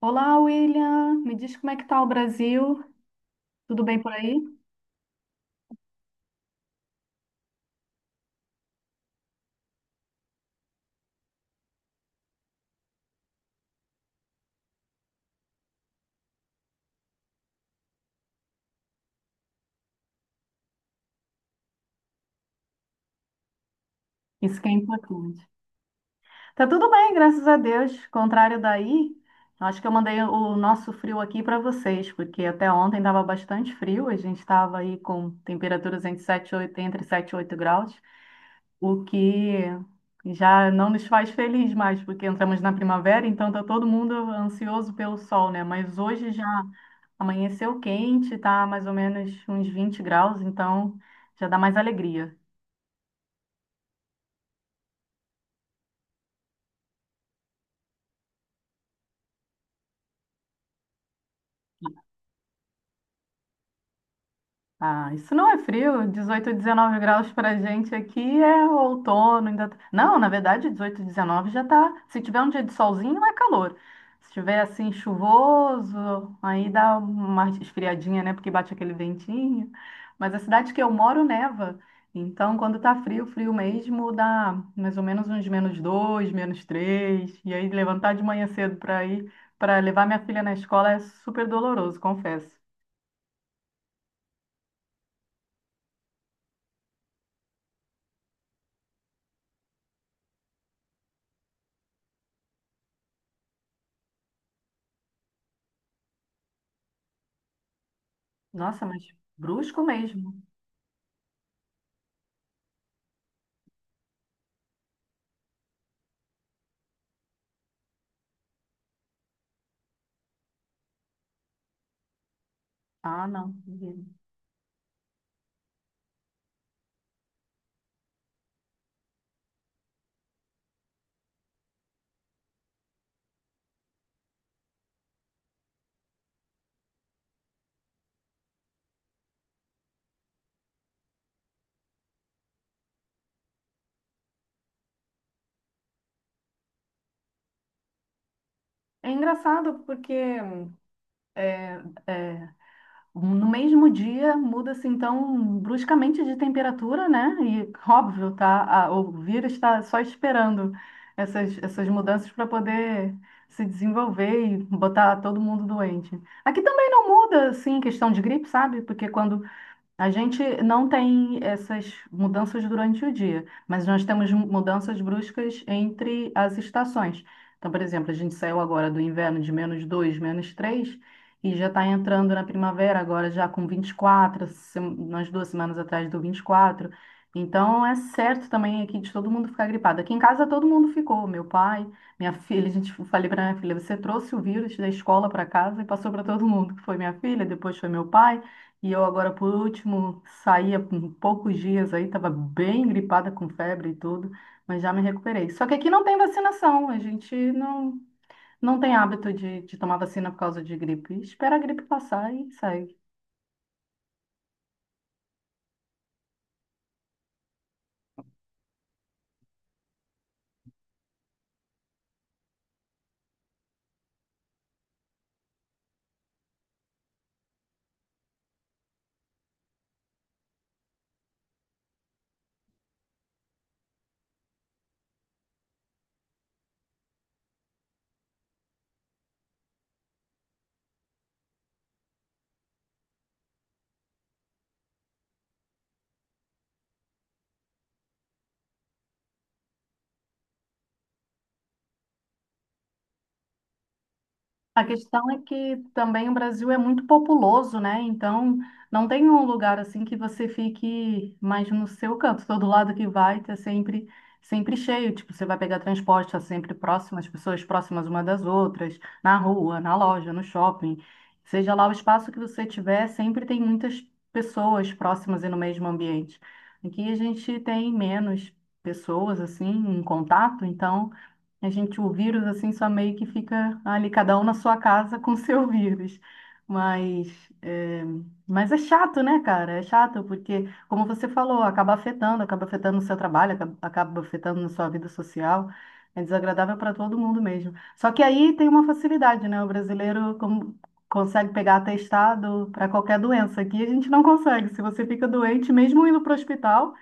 Olá, William. Me diz como é que tá o Brasil? Tudo bem por aí? Isso que é importante. Tá tudo bem, graças a Deus. Contrário daí, acho que eu mandei o nosso frio aqui para vocês, porque até ontem estava bastante frio. A gente estava aí com temperaturas entre 7, e 8 graus. O que já não nos faz feliz mais, porque entramos na primavera, então tá todo mundo ansioso pelo sol, né? Mas hoje já amanheceu quente, tá mais ou menos uns 20 graus, então já dá mais alegria. Ah, isso não é frio. 18, 19 graus pra gente aqui é outono, ainda. Não, na verdade, 18, 19 já tá. Se tiver um dia de solzinho, é calor. Se tiver assim chuvoso, aí dá uma esfriadinha, né? Porque bate aquele ventinho. Mas a cidade que eu moro neva. Então, quando tá frio, frio mesmo, dá mais ou menos uns menos dois, menos três. E aí levantar de manhã cedo pra ir, para levar minha filha na escola é super doloroso, confesso. Nossa, mas brusco mesmo. Ah, não. É engraçado porque é, é, no mesmo dia muda-se então bruscamente de temperatura, né? E óbvio, tá, o vírus está só esperando essas mudanças para poder se desenvolver e botar todo mundo doente. Aqui também não muda, assim, questão de gripe, sabe? Porque quando A gente não tem essas mudanças durante o dia, mas nós temos mudanças bruscas entre as estações. Então, por exemplo, a gente saiu agora do inverno de menos 2, menos 3 e já está entrando na primavera agora já com 24, umas 2 semanas atrás do 24. Então, é certo também aqui de todo mundo ficar gripado. Aqui em casa todo mundo ficou, meu pai, minha filha, a gente eu falei para minha filha, você trouxe o vírus da escola para casa e passou para todo mundo, que foi minha filha, depois foi meu pai. E eu agora, por último, saí poucos dias aí, estava bem gripada com febre e tudo, mas já me recuperei. Só que aqui não tem vacinação, a gente não, não tem hábito de tomar vacina por causa de gripe. Espera a gripe passar e sai. A questão é que também o Brasil é muito populoso, né? Então, não tem um lugar assim que você fique mais no seu canto. Todo lado que vai, tá sempre cheio. Tipo, você vai pegar transporte, tá sempre próximo, as pessoas próximas uma das outras, na rua, na loja, no shopping. Seja lá o espaço que você tiver, sempre tem muitas pessoas próximas e no mesmo ambiente. Aqui a gente tem menos pessoas assim em contato, então o vírus, assim, só meio que fica ali, cada um na sua casa com o seu vírus. Mas é, mas é chato, né, cara? É chato, porque, como você falou, acaba afetando o seu trabalho, acaba afetando na sua vida social. É desagradável para todo mundo mesmo. Só que aí tem uma facilidade, né? O brasileiro consegue pegar atestado para qualquer doença. Aqui a gente não consegue. Se você fica doente, mesmo indo para o hospital.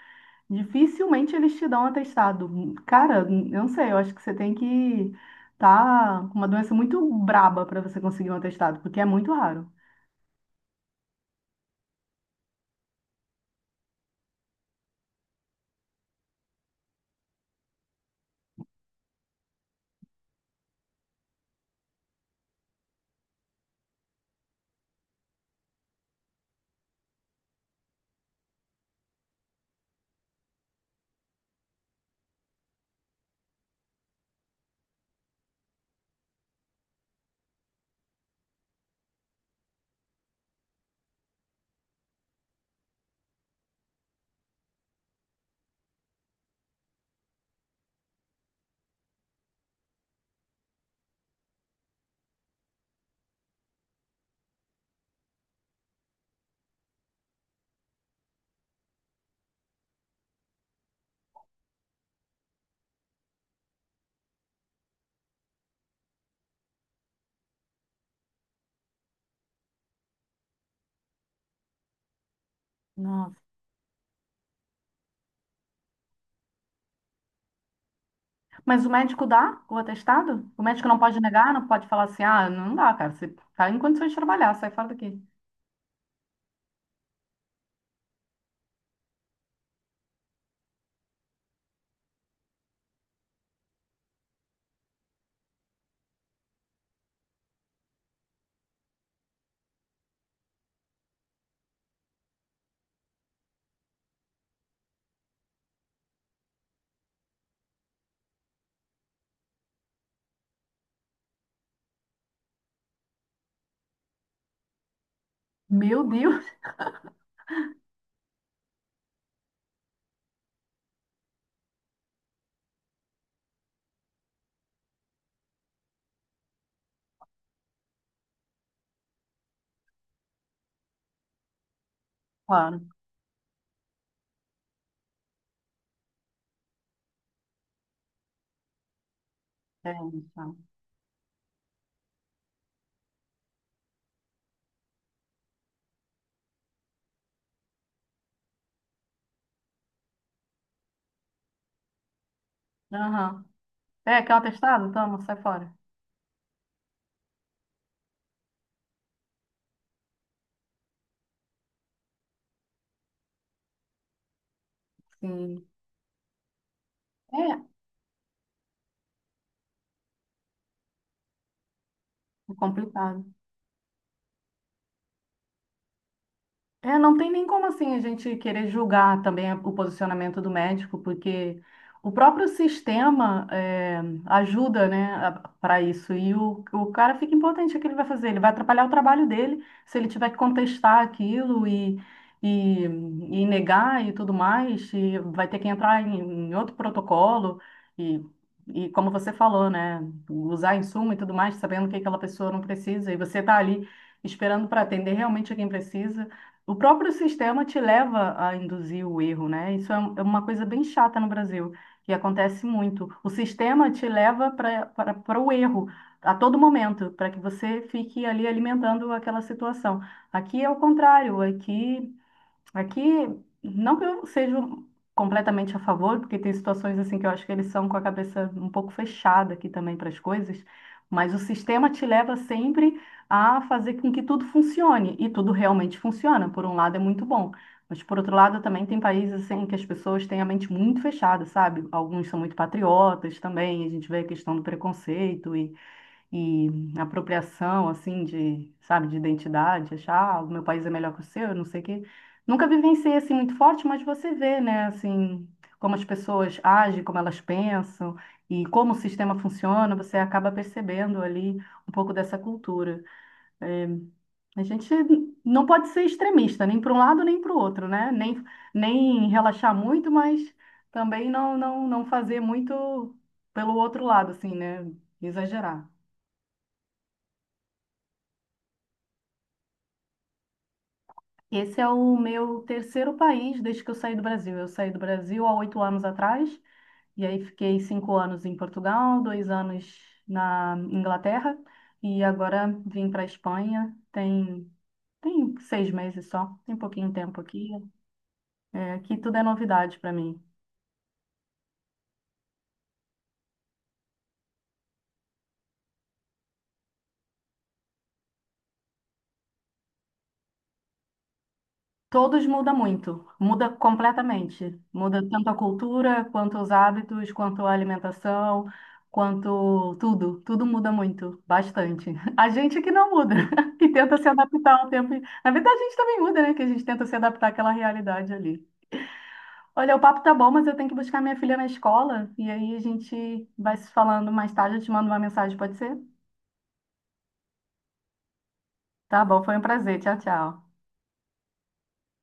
Dificilmente eles te dão um atestado. Cara, eu não sei, eu acho que você tem que tá com uma doença muito braba para você conseguir um atestado, porque é muito raro. Nossa. Mas o médico dá o atestado? O médico não pode negar, não pode falar assim, ah, não dá, cara, você tá em condições de trabalhar, sai fora daqui. Meu Deus, claro. É, tá. Aham. É, quer um atestado? Toma, sai fora. Sim. É, é complicado. É, não tem nem como assim a gente querer julgar também o posicionamento do médico, porque o próprio sistema ajuda, né, para isso. E o cara fica impotente, o que ele vai fazer? Ele vai atrapalhar o trabalho dele se ele tiver que contestar aquilo e negar e tudo mais, e vai ter que entrar em outro protocolo e, e como você falou, né, usar insumo e tudo mais, sabendo que aquela pessoa não precisa, e você está ali esperando para atender realmente a quem precisa. O próprio sistema te leva a induzir o erro, né? Isso é uma coisa bem chata no Brasil, que acontece muito. O sistema te leva para o erro a todo momento, para que você fique ali alimentando aquela situação. Aqui é o contrário, Aqui, não que eu seja completamente a favor, porque tem situações assim que eu acho que eles são com a cabeça um pouco fechada aqui também para as coisas, mas o sistema te leva sempre a fazer com que tudo funcione, e tudo realmente funciona. Por um lado é muito bom, mas por outro lado também tem países assim que as pessoas têm a mente muito fechada, sabe? Alguns são muito patriotas também, a gente vê a questão do preconceito e e apropriação, assim, de, sabe, de identidade, achar, ah, o meu país é melhor que o seu, não sei o quê. Nunca vivenciei, assim, muito forte, mas você vê, né, assim, como as pessoas agem, como elas pensam e como o sistema funciona, você acaba percebendo ali um pouco dessa cultura. É, a gente não pode ser extremista, nem para um lado, nem para o outro, né? Nem relaxar muito, mas também não fazer muito pelo outro lado, assim, né? Exagerar. Esse é o meu terceiro país desde que eu saí do Brasil. Eu saí do Brasil há 8 anos atrás, e aí fiquei 5 anos em Portugal, 2 anos na Inglaterra, e agora vim para a Espanha. Tem 6 meses só, tem pouquinho tempo aqui. É, aqui tudo é novidade para mim. Todos mudam muito, muda completamente. Muda tanto a cultura, quanto os hábitos, quanto a alimentação, quanto tudo. Tudo muda muito, bastante. A gente que não muda, que tenta se adaptar ao tempo. Na verdade, a gente também muda, né? Que a gente tenta se adaptar àquela realidade ali. Olha, o papo tá bom, mas eu tenho que buscar minha filha na escola. E aí a gente vai se falando mais tarde. Eu te mando uma mensagem, pode ser? Tá bom, foi um prazer. Tchau, tchau.